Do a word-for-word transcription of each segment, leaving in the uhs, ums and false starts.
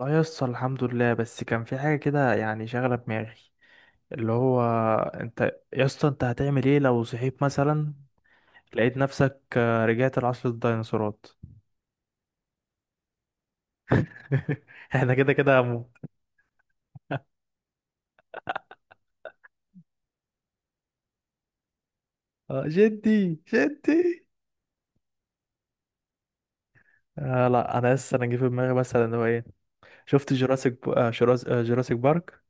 اه يسطا، الحمد لله، بس كان في حاجة كده يعني شاغلة دماغي. اللي هو انت يسطا، انت هتعمل ايه لو صحيت مثلا لقيت نفسك آه، رجعت لعصر الديناصورات؟ احنا كده كده هموت. اه، جدي جدي. آه لا انا لسه انا جه في دماغي مثلا اللي هو ايه. شفت جوراسيك ب... آه جوراس... آه جوراسيك بارك.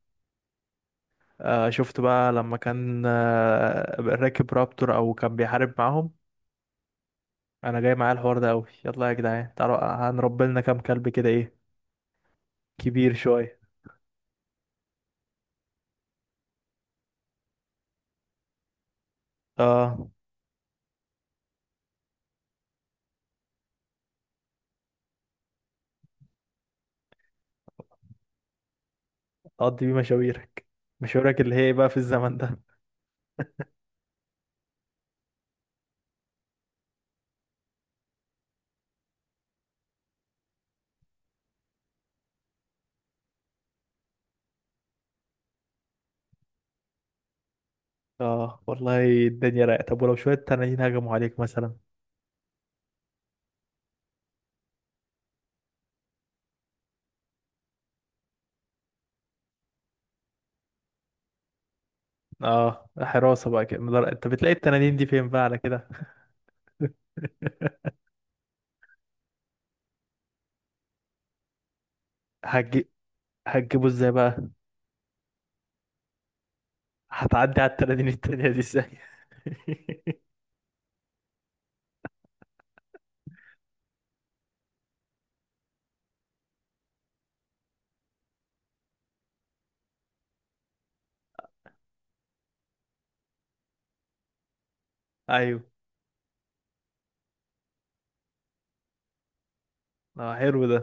آه، شفت بقى لما كان آه راكب رابتور او كان بيحارب معاهم. انا جاي معايا الحوار ده قوي. يلا يا جدعان، تعالوا هنربي لنا كام كلب كده، ايه؟ كبير شوية. اه، اقضي بيه مشاويرك. مشاويرك اللي هي إيه بقى في الزمن ده؟ اه والله، الدنيا رايقه. طب ولو شويه تنانين هجموا عليك مثلا؟ اه، حراسه بقى كده مدار... انت بتلاقي التنانين دي فين بقى على كده؟ هتجي... هتجيبه ازاي بقى؟ هتعدي على التنانين التانية دي ازاي؟ ايوه. اه، حلو ده.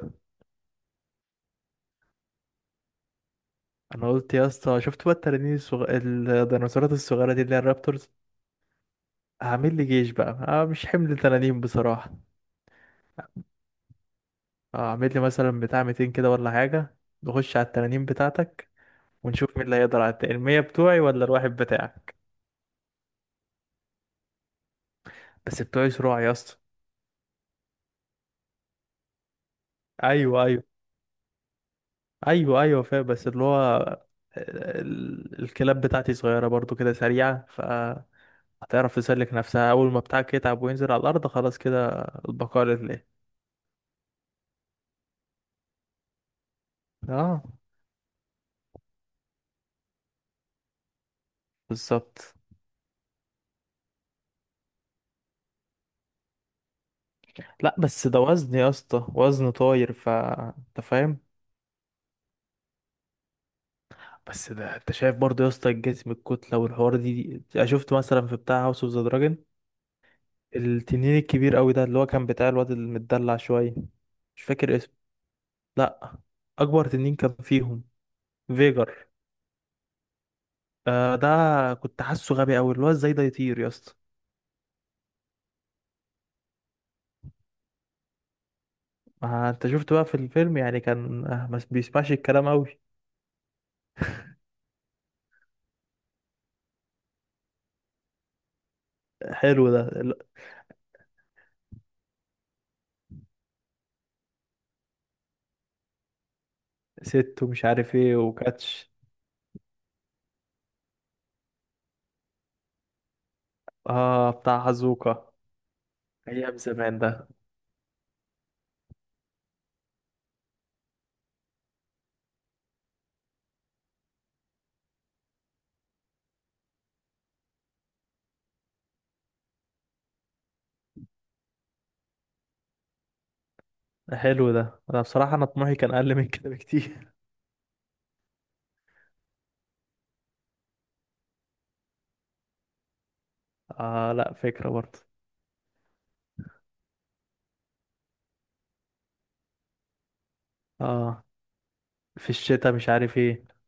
انا قلت يا اسطى، شفت بقى التنانين الصغ... الديناصورات الصغيره دي اللي هي الرابتورز؟ هعمل لي جيش بقى، آه مش حمل تنانين بصراحه. اه، اعمل لي مثلا بتاع ميتين كده ولا حاجة. نخش على التنانين بتاعتك ونشوف مين اللي هيقدر على التاني، المية بتوعي ولا الواحد بتاعك. بس بتوعي صراع يا اسطى. ايوه، ايوه. ايوه، ايوه، فاهم. بس اللي هو ال- الكلاب بتاعتي صغيرة برضو كده سريعة، فهتعرف تسلك نفسها. أول ما بتاعك يتعب وينزل على الأرض خلاص كده، البقاء لله. اه، بالظبط. لا، بس ده وزن يا اسطى، وزن طاير، ف انت فاهم. بس ده انت شايف برضه يا اسطى الجسم، الكتله والحوار دي, دي انا شفت مثلا في بتاع هاوس اوف ذا دراجون. التنين الكبير قوي ده اللي هو كان بتاع الواد المدلع شويه. مش فاكر اسمه. لا، اكبر تنين كان فيهم، فيجر. آه، ده. كنت حاسه غبي قوي اللي هو ازاي ده يطير يا اسطى. ما انت شفت بقى في الفيلم، يعني كان آه ما بيسمعش الكلام قوي. حلو ده ال- ست ومش عارف ايه وكاتش. اه، بتاع هازوكا. ايام زمان ده. حلو ده. انا بصراحه انا طموحي كان اقل من كده بكتير. اه، لا فكرة برضه. اه، في الشتاء، مش عارف ايه.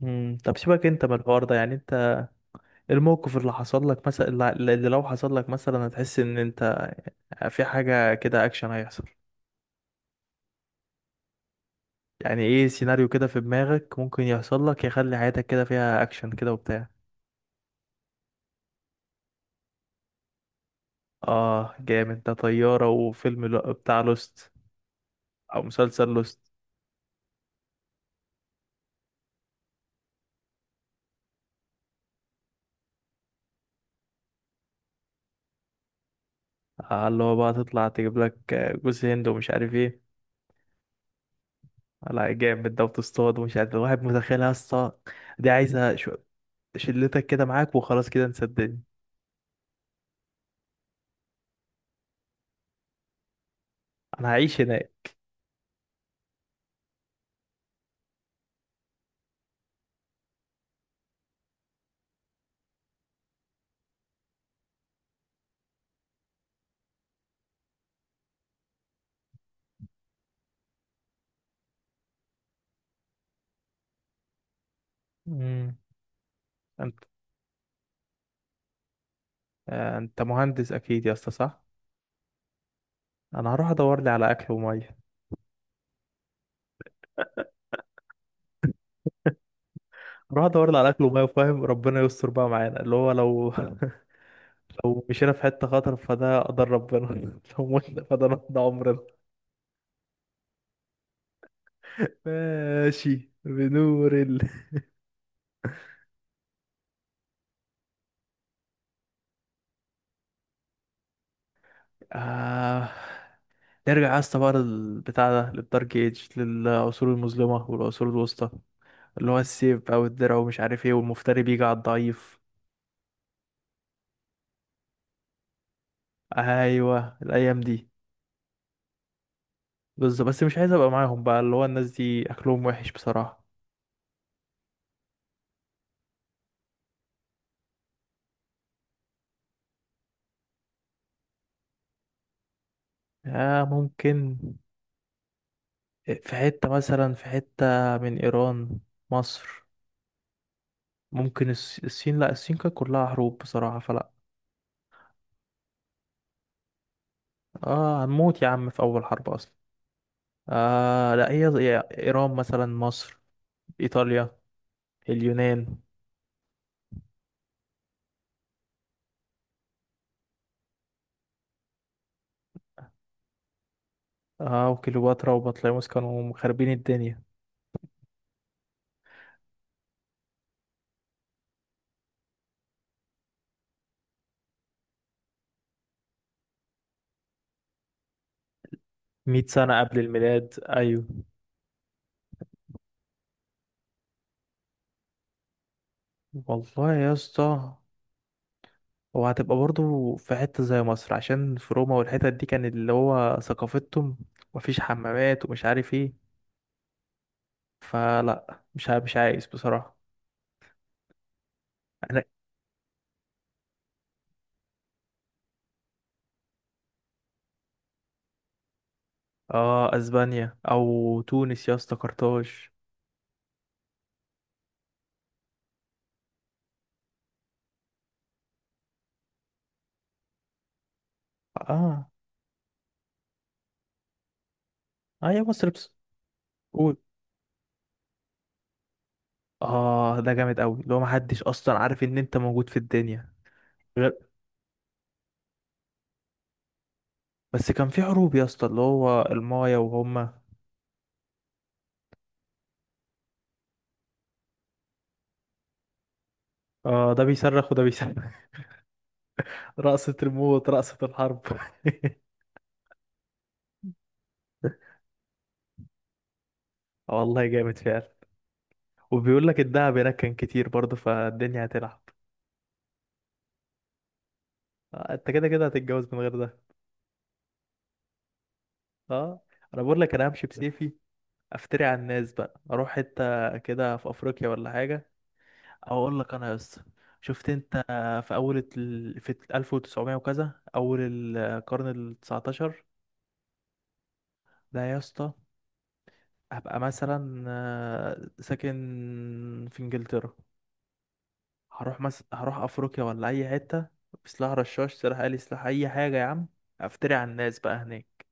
مم. طب سيبك انت من الحوار ده، يعني انت إيه الموقف اللي حصل لك مثلا، اللي اللي لو حصل لك مثلا هتحس ان انت في حاجة كده اكشن هيحصل؟ يعني ايه سيناريو كده في دماغك ممكن يحصل لك يخلي حياتك كده فيها اكشن كده وبتاع؟ اه، جامد ده، طيارة وفيلم لو- بتاع لوست، او مسلسل لوست. آه، اللي هو بقى تطلع تجيب لك جوز هند ومش عارف ايه. لا جامد ده، وتصطاد ومش عارف. الواحد متخيلها، الصا دي عايزة شو، شلتك كده معاك وخلاص كده، نصدقني انا هعيش هناك. امم، انت آه، انت مهندس اكيد يا اسطى، صح؟ انا هروح ادور لي على اكل وميه. هروح ادور لي على اكل وميه فاهم، ربنا يستر بقى معانا اللي هو لو لو مشينا في حته خطر فده قدر ربنا. لو متنا فده نقضي عمرنا. ماشي بنور ال. آه... نرجع يا اسطى بقى للبتاع ده، للدارك ايج، للعصور المظلمه والعصور الوسطى، اللي هو السيف او الدرع ومش عارف ايه، والمفتري بيجي على الضعيف. ايوه، الايام دي. بالظبط، بس مش عايز ابقى معاهم بقى، اللي هو الناس دي اكلهم وحش بصراحه. آه ممكن في حته مثلا، في حته من ايران، مصر. ممكن الس- الصين. لا، الصين كانت كلها حروب بصراحه، فلا. اه، هنموت يا عم في اول حرب اصلا. آه لا، هي هي ايران مثلا، مصر، ايطاليا، اليونان. اه، وكليوباترا وبطليموس كانوا خاربين الدنيا. مئة سنة قبل الميلاد، أيوة. والله يا اسطى، وهتبقى برضو في حتة زي مصر، عشان في روما والحتت دي كان اللي هو ثقافتهم. مفيش حمامات ومش عارف ايه، فلا مش ع- مش عايز بصراحة. انا، اه، اسبانيا او تونس يا اسطى، قرطاج. اه. اه يا مصر بس. قول. اه، ده جامد قوي اللي هو محدش اصلا عارف ان انت موجود في الدنيا غير- بس كان في حروب يا اسطى، اللي هو المايا وهما. اه، ده بيصرخ وده بيصرخ. رقصة الموت، رقصة الحرب. والله جامد فعلا. وبيقول لك الدهب هناك كان كتير برضه، فالدنيا هتلعب. آه، انت كده كده هتتجوز من غير ده. اه، انا بقول لك، انا همشي بسيفي. افتري على الناس بقى، اروح حته كده في افريقيا ولا حاجه. او اقول لك انا يا اسطى، شفت انت في اول ال... في ألف وتسعمية وكذا، اول القرن ال التاسع عشر ده يا اسطى، هبقى مثلا آه، ساكن في انجلترا، هروح مس... هروح افريقيا ولا اي حته بسلاح رشاش، سلاح آلي، سلاح اي حاجه يا عم. افتري على الناس بقى هناك.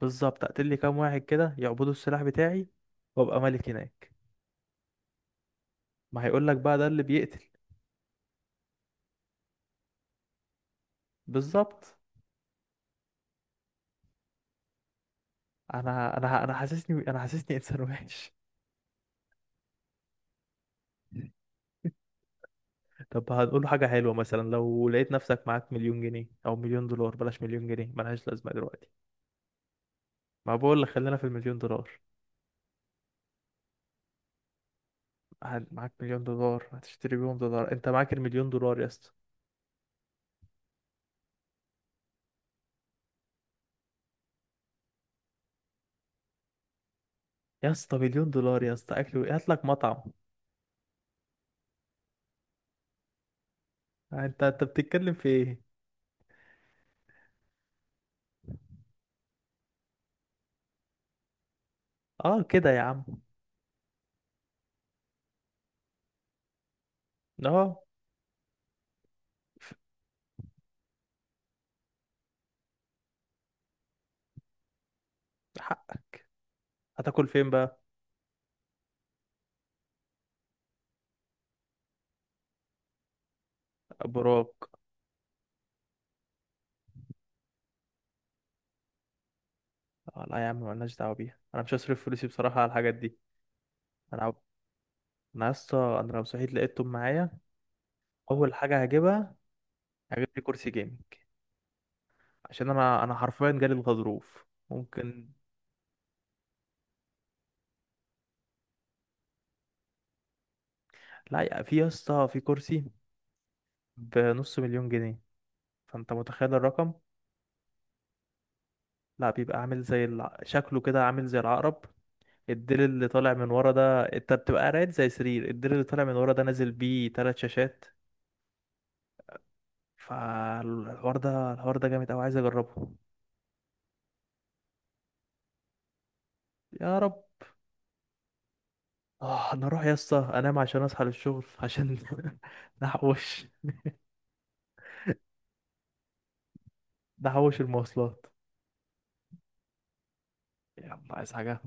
بالظبط، اقتل لي كام واحد كده يعبدوا السلاح بتاعي، وابقى ملك هناك. ما هيقول لك بقى ده اللي بيقتل. بالظبط. انا انا انا حاسسني انا حاسسني انسان وحش. طب هنقول له حاجه حلوه، مثلا لو لقيت نفسك معاك مليون جنيه او مليون دولار، بلاش مليون جنيه ملهاش لازمه دلوقتي. ما بقول لك خلينا في المليون دولار. هل- معاك مليون دولار هتشتري بيهم دولار؟ انت معاك المليون دولار يا اسطى. يا اسطى، مليون دولار يا اسطى، اكل و- هات لك مطعم. انت انت بتتكلم في ايه؟ اه، كده يا عم. اه، هتاكل فين بقى؟ ابو راك. آه لا يا عم، مالناش دعوه بيها، انا مش هصرف فلوسي بصراحه على الحاجات دي. انا عب... انا يا اسطى، انا لو صحيت لقيتهم معايا، اول حاجه هجيبها هجيب لي كرسي جيمنج، عشان انا انا حرفيا جالي الغضروف ممكن. لا يا- في يا اسطى، في كرسي بنص مليون جنيه، فانت متخيل الرقم. لا، بيبقى عامل زي الع... شكله كده عامل زي العقرب، الديل اللي طالع من ورا ده، انت بتبقى قاعد زي سرير، الديل اللي طالع من ورا ده نازل بيه تلات شاشات. فالحوار ده، الحوار ده جامد قوي، عايز اجربه. يا رب. اه، انا اروح يا اسطى انام عشان اصحى للشغل، عشان نحوش. نحوش المواصلات. يلا، عايز حاجة؟